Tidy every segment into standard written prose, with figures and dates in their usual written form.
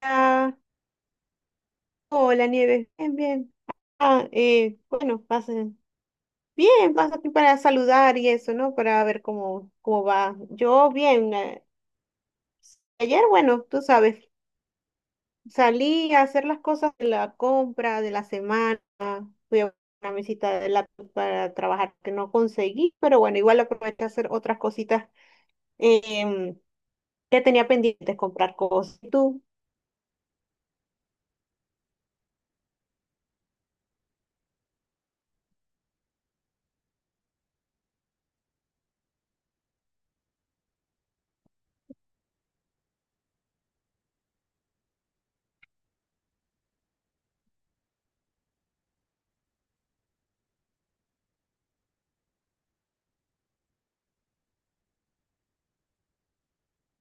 Ah, hola Nieves, bien, bien. Ah, bueno, pasen. Bien, pasa aquí para saludar y eso, ¿no? Para ver cómo va. Yo bien. Ayer, bueno, tú sabes, salí a hacer las cosas de la compra de la semana. Fui a una mesita de laptop para trabajar que no conseguí, pero bueno, igual aproveché a hacer otras cositas em, que tenía pendientes, comprar cosas. ¿Y tú?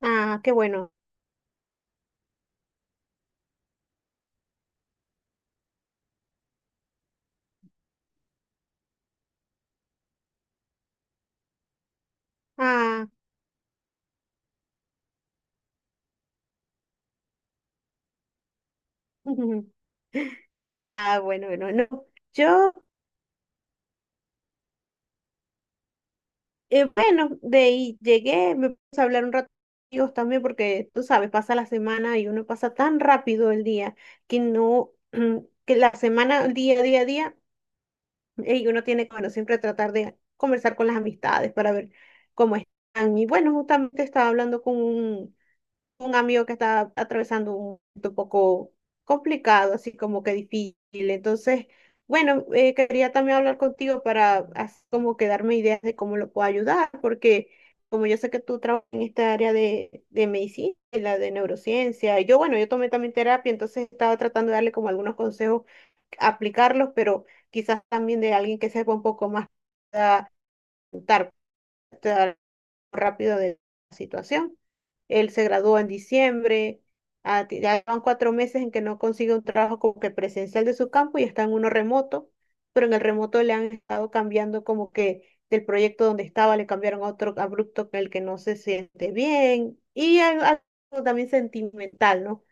Ah, qué bueno. Ah, ah, bueno, bueno, no. Yo Bueno, de ahí llegué, me puse a hablar un rato con ellos también porque tú sabes, pasa la semana y uno pasa tan rápido el día que no, que la semana, el día, día, día, y uno tiene que, bueno, siempre tratar de conversar con las amistades para ver cómo están. Y bueno, justamente estaba hablando con un amigo que está atravesando un momento un poco complicado, así como que difícil. Entonces, bueno, quería también hablar contigo para así como que darme ideas de cómo lo puedo ayudar, porque como yo sé que tú trabajas en esta área de medicina, en la de neurociencia, y yo, bueno, yo tomé también terapia, entonces estaba tratando de darle como algunos consejos, aplicarlos, pero quizás también de alguien que sepa un poco más rápido de la situación. Él se graduó en diciembre, ah, ya van 4 meses en que no consigue un trabajo como que presencial de su campo y está en uno remoto, pero en el remoto le han estado cambiando como que del proyecto donde estaba le cambiaron a otro abrupto con el que no se siente bien y algo también sentimental, ¿no?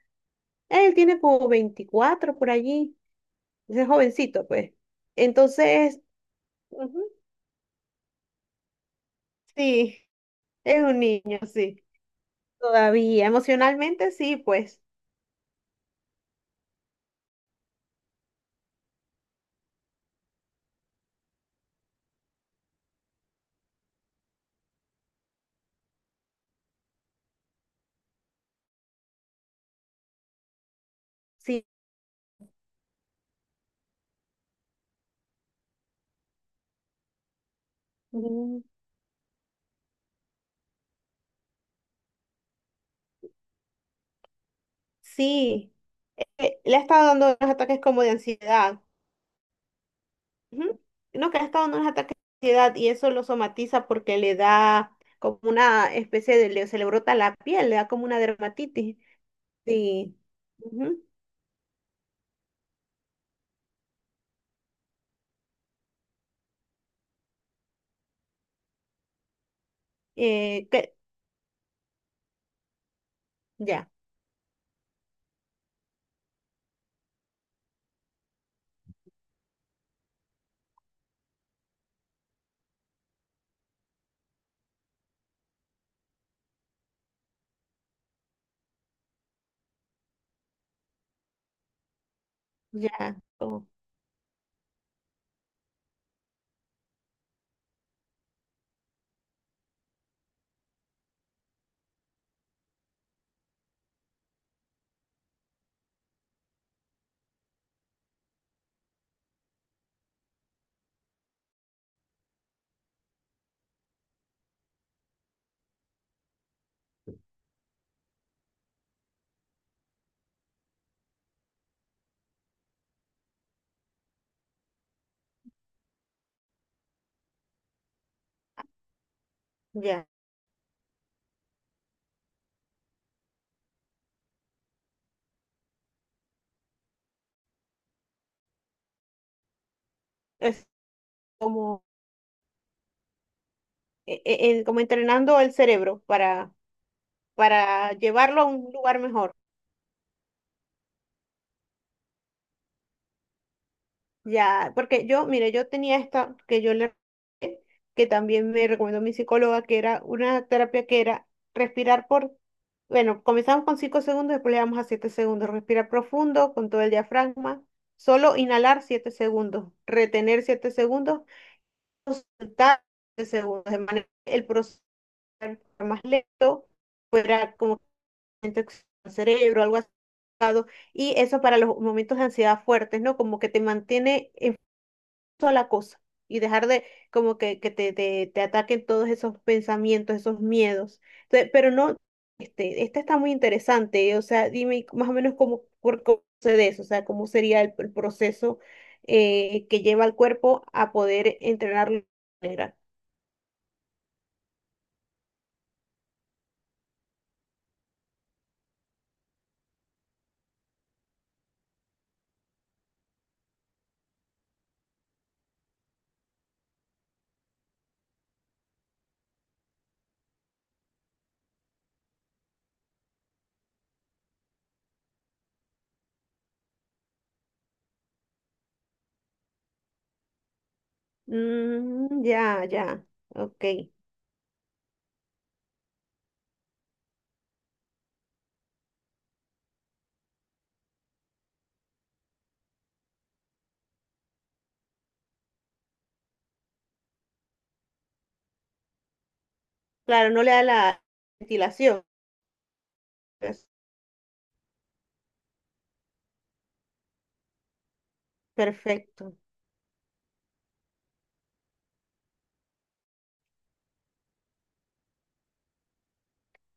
Él tiene como 24 por allí, es jovencito, pues. Entonces, ujú, sí, es un niño, sí. Todavía, emocionalmente sí, pues. Sí. Mm. Sí. Le ha estado dando unos ataques como de ansiedad. Ujú. No, que le ha estado dando unos ataques de ansiedad y eso lo somatiza porque le da como una especie de, se le brota la piel, le da como una dermatitis. Sí. Ujú. Eh, que- ya, ya, ya. Es como, como entrenando el cerebro para llevarlo a un lugar mejor. Ya, porque yo, mire, yo tenía esta que yo le, que también me recomendó mi psicóloga, que era una terapia que era respirar por, bueno, comenzamos con 5 segundos, después le damos a 7 segundos, respirar profundo con todo el diafragma, solo inhalar 7 segundos, retener 7 segundos, soltar 7 segundos, de manera que el proceso fuera más lento, fuera como que el cerebro, algo así. Y eso para los momentos de ansiedad fuertes, ¿no? Como que te mantiene sola cosa y dejar de como que te ataquen todos esos pensamientos, esos miedos. Entonces, pero no, este, esta está muy interesante, o sea, dime más o menos cómo, por cómo sucede eso, o sea, cómo sería el proceso que lleva al cuerpo a poder entrenarlo de manera. Mm, ya, ya, ok. Claro, no le da la ventilación. Pues, perfecto.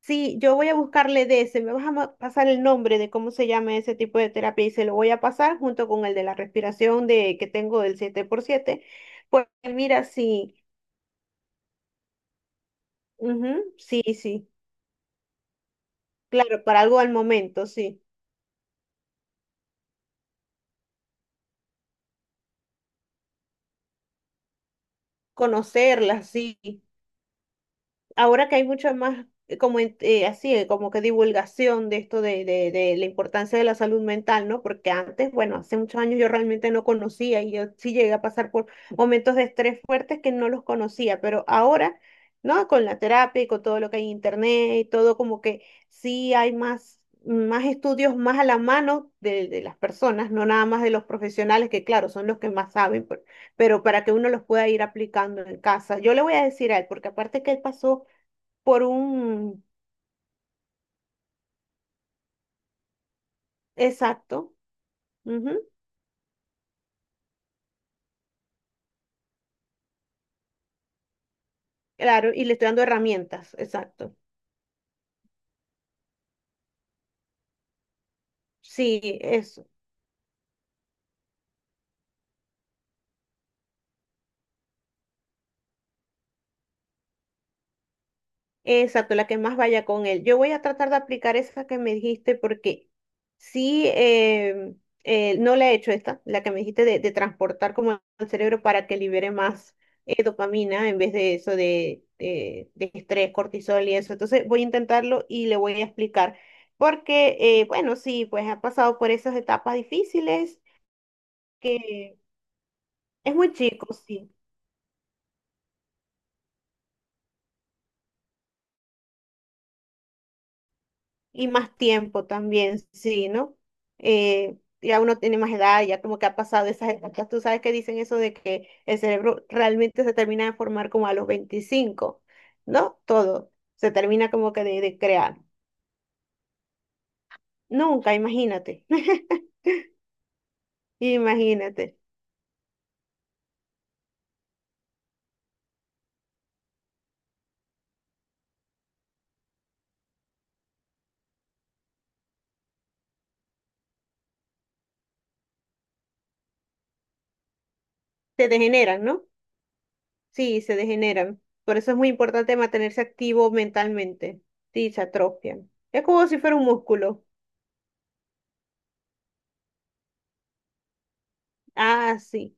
Sí, yo voy a buscarle de ese, me vas a pasar el nombre de cómo se llama ese tipo de terapia y se lo voy a pasar junto con el de la respiración de que tengo del 7 por 7. Porque mira, sí, ujú, sí, sí, claro, para algo al momento, sí, conocerla, sí, ahora que hay mucha más, como así, como que divulgación de esto de la importancia de la salud mental, ¿no? Porque antes, bueno, hace muchos años yo realmente no conocía y yo sí llegué a pasar por momentos de estrés fuertes que no los conocía, pero ahora, ¿no? Con la terapia y con todo lo que hay en internet y todo, como que sí hay más, más estudios más a la mano de las personas, no nada más de los profesionales, que claro, son los que más saben, pero para que uno los pueda ir aplicando en casa. Yo le voy a decir a él, porque aparte que él pasó por un, exacto, ujú, claro, y le estoy dando herramientas, exacto. Sí, eso, exacto, la que más vaya con él. Yo voy a tratar de aplicar esa que me dijiste porque sí, no la he hecho esta, la que me dijiste de transportar como al cerebro para que libere más dopamina en vez de eso de estrés, cortisol y eso. Entonces voy a intentarlo y le voy a explicar porque, bueno, sí, pues ha pasado por esas etapas difíciles que es muy chico, sí. Y más tiempo también, sí, ¿no? Ya uno tiene más edad, ya como que ha pasado esas etapas. Tú sabes que dicen eso de que el cerebro realmente se termina de formar como a los 25, ¿no? Todo. Se termina como que de crear. Nunca, imagínate. Imagínate. Se degeneran, ¿no? Sí, se degeneran. Por eso es muy importante mantenerse activo mentalmente. Sí, se atrofian. Es como si fuera un músculo. Ah, sí.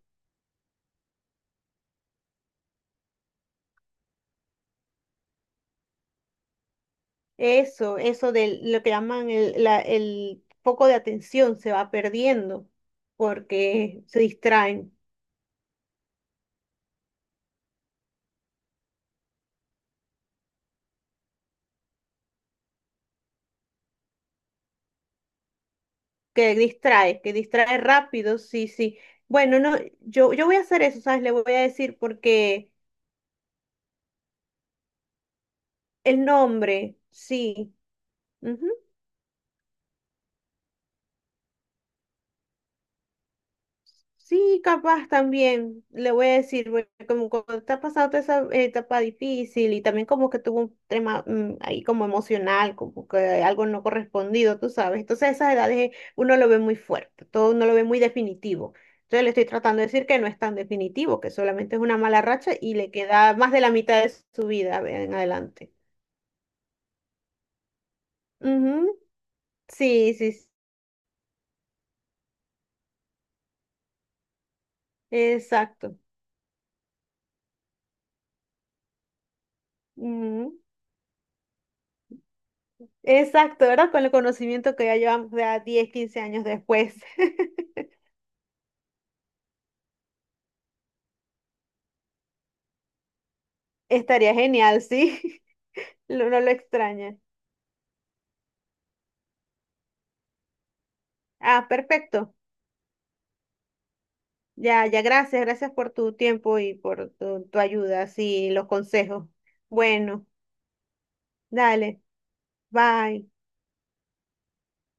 Eso de lo que llaman el foco de atención se va perdiendo porque se distraen. Que distrae rápido, sí, sí. Bueno, no, yo voy a hacer eso, ¿sabes? Le voy a decir porque el nombre, sí. Ujú. Sí, capaz también, le voy a decir, güey, como cuando está pasando toda esa etapa difícil y también como que tuvo un tema ahí como emocional, como que algo no correspondido, tú sabes. Entonces a esas edades uno lo ve muy fuerte, todo uno lo ve muy definitivo. Entonces le estoy tratando de decir que no es tan definitivo, que solamente es una mala racha y le queda más de la mitad de su vida en adelante. Ujú. Sí, sí, sí, exacto. Exacto, ¿verdad? Con el conocimiento que ya llevamos ya 10, 15 años después. Estaría genial, sí. No lo extraña. Ah, perfecto. Ya, ya, gracias, gracias por tu tiempo y por tu ayuda, sí, los consejos. Bueno, dale, bye.